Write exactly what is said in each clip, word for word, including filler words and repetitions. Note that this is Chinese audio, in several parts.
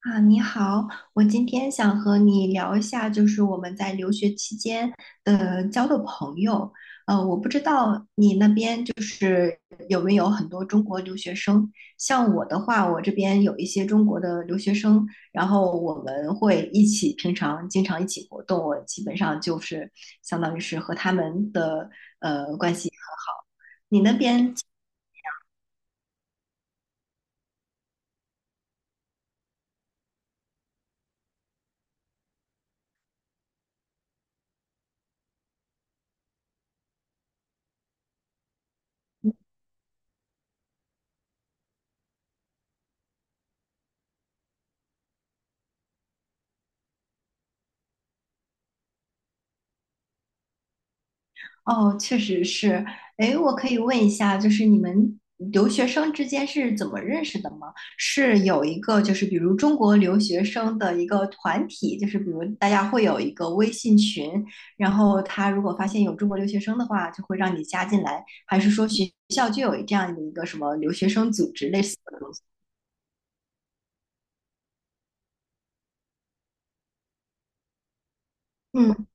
啊，你好，我今天想和你聊一下，就是我们在留学期间呃交的朋友。呃，我不知道你那边就是有没有很多中国留学生。像我的话，我这边有一些中国的留学生，然后我们会一起平常经常一起活动，我基本上就是相当于是和他们的呃关系很好。你那边？哦，确实是。哎，我可以问一下，就是你们留学生之间是怎么认识的吗？是有一个，就是比如中国留学生的一个团体，就是比如大家会有一个微信群，然后他如果发现有中国留学生的话，就会让你加进来，还是说学校就有这样的一个什么留学生组织类似的东西？嗯。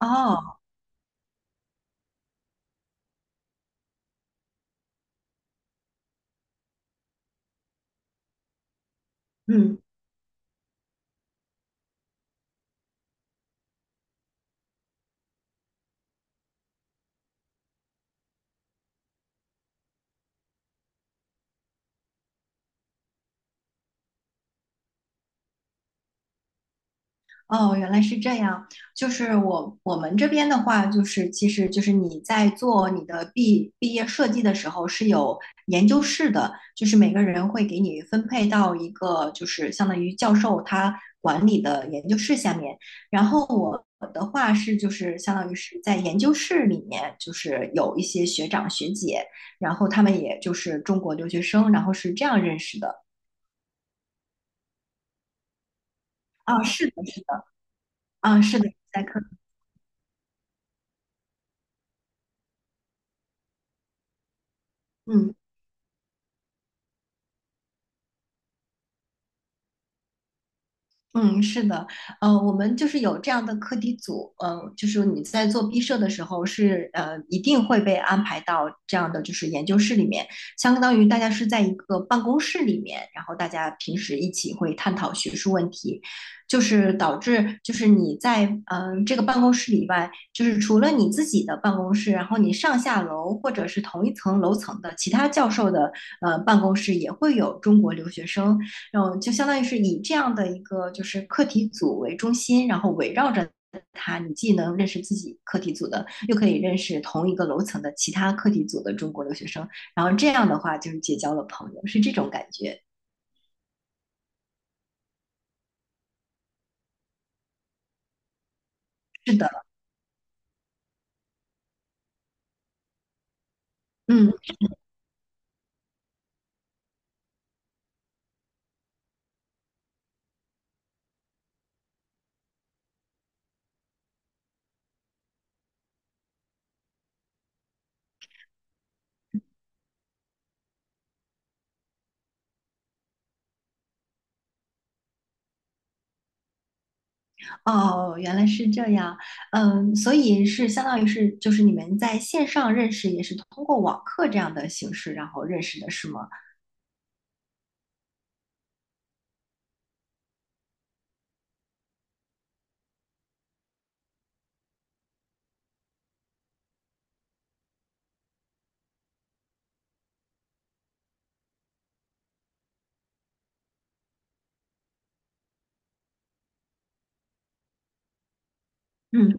哦。嗯。哦，原来是这样。就是我我们这边的话，就是其实就是你在做你的毕毕业设计的时候是有研究室的，就是每个人会给你分配到一个就是相当于教授他管理的研究室下面。然后我的话是就是相当于是在研究室里面，就是有一些学长学姐，然后他们也就是中国留学生，然后是这样认识的。啊，是的，是的。啊，是的，在课。嗯。嗯，是的，呃，我们就是有这样的课题组，呃，就是你在做毕设的时候是呃，一定会被安排到这样的就是研究室里面，相当于大家是在一个办公室里面，然后大家平时一起会探讨学术问题，就是导致就是你在嗯、呃这个办公室以外，就是除了你自己的办公室，然后你上下楼或者是同一层楼层的其他教授的呃办公室也会有中国留学生。然后就相当于是以这样的一个就是课题组为中心，然后围绕着它，你既能认识自己课题组的，又可以认识同一个楼层的其他课题组的中国留学生，然后这样的话就是结交了朋友，是这种感觉。是的。嗯。哦，原来是这样，嗯，所以是相当于是就是你们在线上认识，也是通过网课这样的形式，然后认识的是吗？嗯。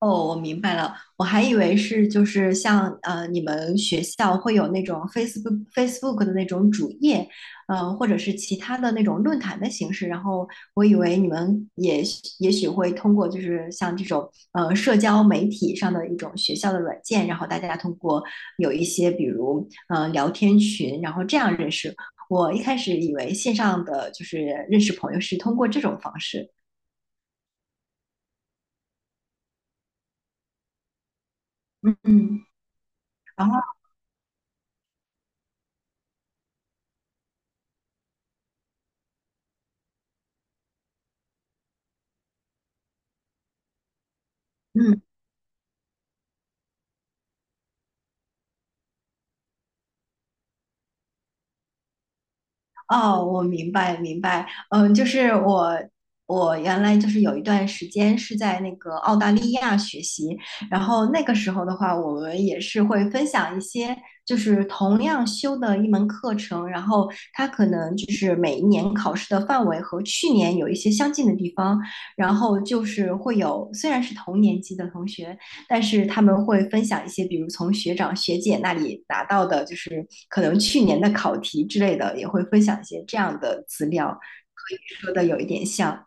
哦，我明白了，我还以为是就是像呃你们学校会有那种 Facebook Facebook 的那种主页，呃，或者是其他的那种论坛的形式，然后我以为你们也许也许会通过就是像这种呃社交媒体上的一种学校的软件，然后大家通过有一些比如呃聊天群，然后这样认识。我一开始以为线上的就是认识朋友是通过这种方式。嗯。嗯，然后嗯。哦，我明白明白，嗯，就是我我原来就是有一段时间是在那个澳大利亚学习，然后那个时候的话，我们也是会分享一些就是同样修的一门课程，然后它可能就是每一年考试的范围和去年有一些相近的地方，然后就是会有虽然是同年级的同学，但是他们会分享一些，比如从学长学姐那里拿到的，就是可能去年的考题之类的，也会分享一些这样的资料，可以说的有一点像。嗯。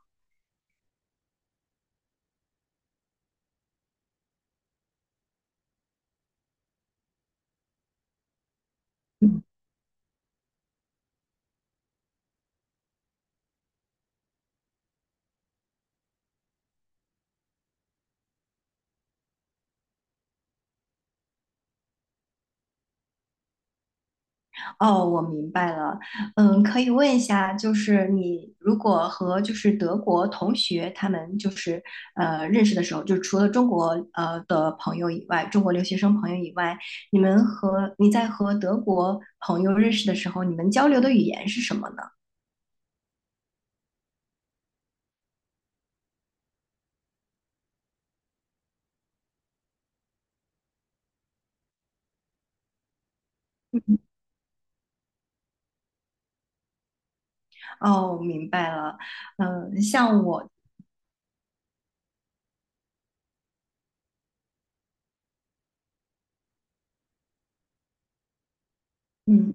哦，我明白了。嗯，可以问一下，就是你如果和就是德国同学他们就是呃认识的时候，就除了中国呃的朋友以外，中国留学生朋友以外，你们和你在和德国朋友认识的时候，你们交流的语言是什么呢？哦，明白了。嗯，像我。嗯。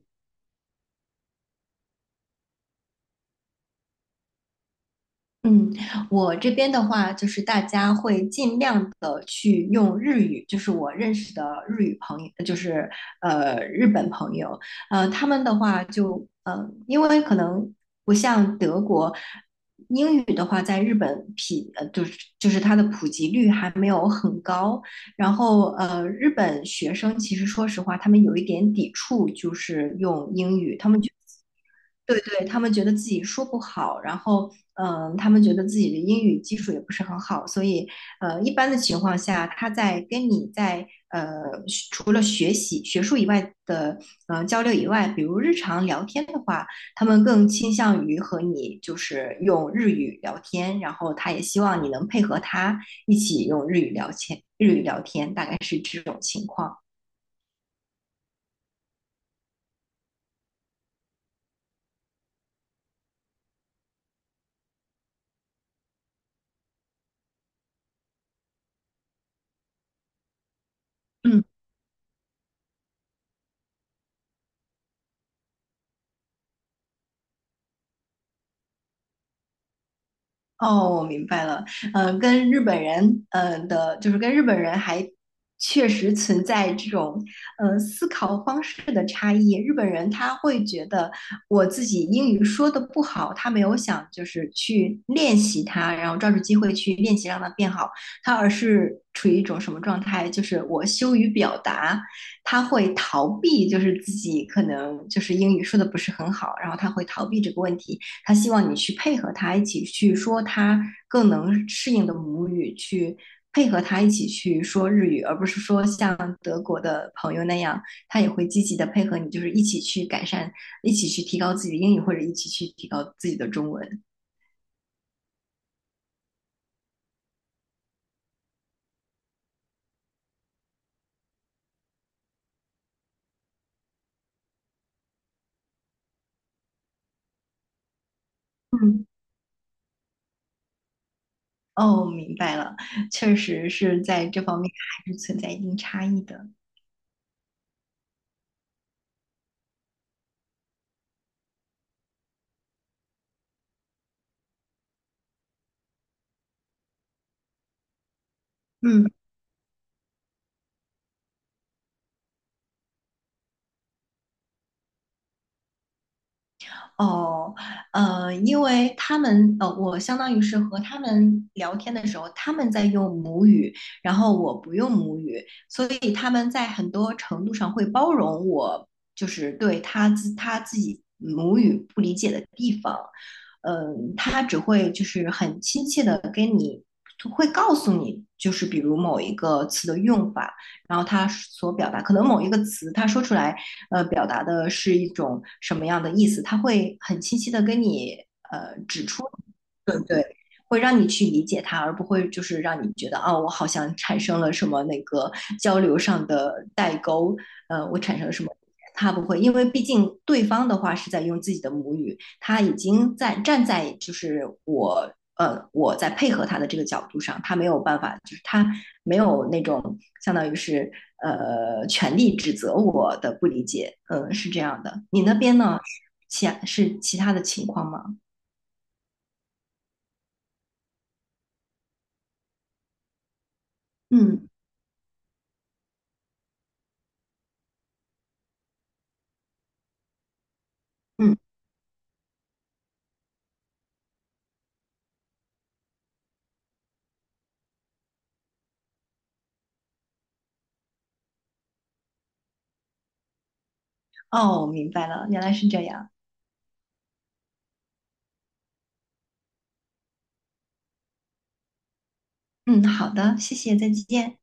嗯，我这边的话，就是大家会尽量的去用日语，就是我认识的日语朋友，就是呃日本朋友，呃，他们的话就，呃，因为可能不像德国。英语的话，在日本匹呃，就是就是它的普及率还没有很高，然后呃，日本学生其实说实话，他们有一点抵触，就是用英语，他们觉对对，他们觉得自己说不好，然后嗯、呃他们觉得自己的英语基础也不是很好，所以呃，一般的情况下，他在跟你在呃学除了学习学术以外的呃交流以外，比如日常聊天的话，他们更倾向于和你就是用日语聊天，然后他也希望你能配合他一起用日语聊天，日语聊天大概是这种情况。嗯。哦，我明白了。嗯、跟日本人，嗯、的，就是跟日本人还确实存在这种，呃，思考方式的差异。日本人他会觉得我自己英语说的不好，他没有想就是去练习它，然后抓住机会去练习让它变好，他而是处于一种什么状态？就是我羞于表达，他会逃避，就是自己可能就是英语说的不是很好，然后他会逃避这个问题。他希望你去配合他一起去说他更能适应的母语，去配合他一起去说日语，而不是说像德国的朋友那样，他也会积极的配合你，就是一起去改善，一起去提高自己的英语，或者一起去提高自己的中文。嗯。哦，明白了，确实是在这方面还是存在一定差异的。嗯。哦，呃，因为他们，呃，我相当于是和他们聊天的时候，他们在用母语，然后我不用母语，所以他们在很多程度上会包容我，就是对他自他自己母语不理解的地方，嗯、他只会就是很亲切的跟你，会告诉你，就是比如某一个词的用法，然后他所表达，可能某一个词他说出来。呃，表达的是一种什么样的意思，他会很清晰的跟你呃指出对，会让你去理解他，而不会就是让你觉得啊、哦我好像产生了什么那个交流上的代沟，呃，我产生了什么。他不会，因为毕竟对方的话是在用自己的母语，他已经在站在就是我呃我在配合他的这个角度上，他没有办法，就是他没有那种相当于是呃权利指责我的不理解，嗯，呃是这样的。你那边呢？其是其他的情况吗？嗯。嗯。哦，明白了，原来是这样。嗯，好的，谢谢，再见。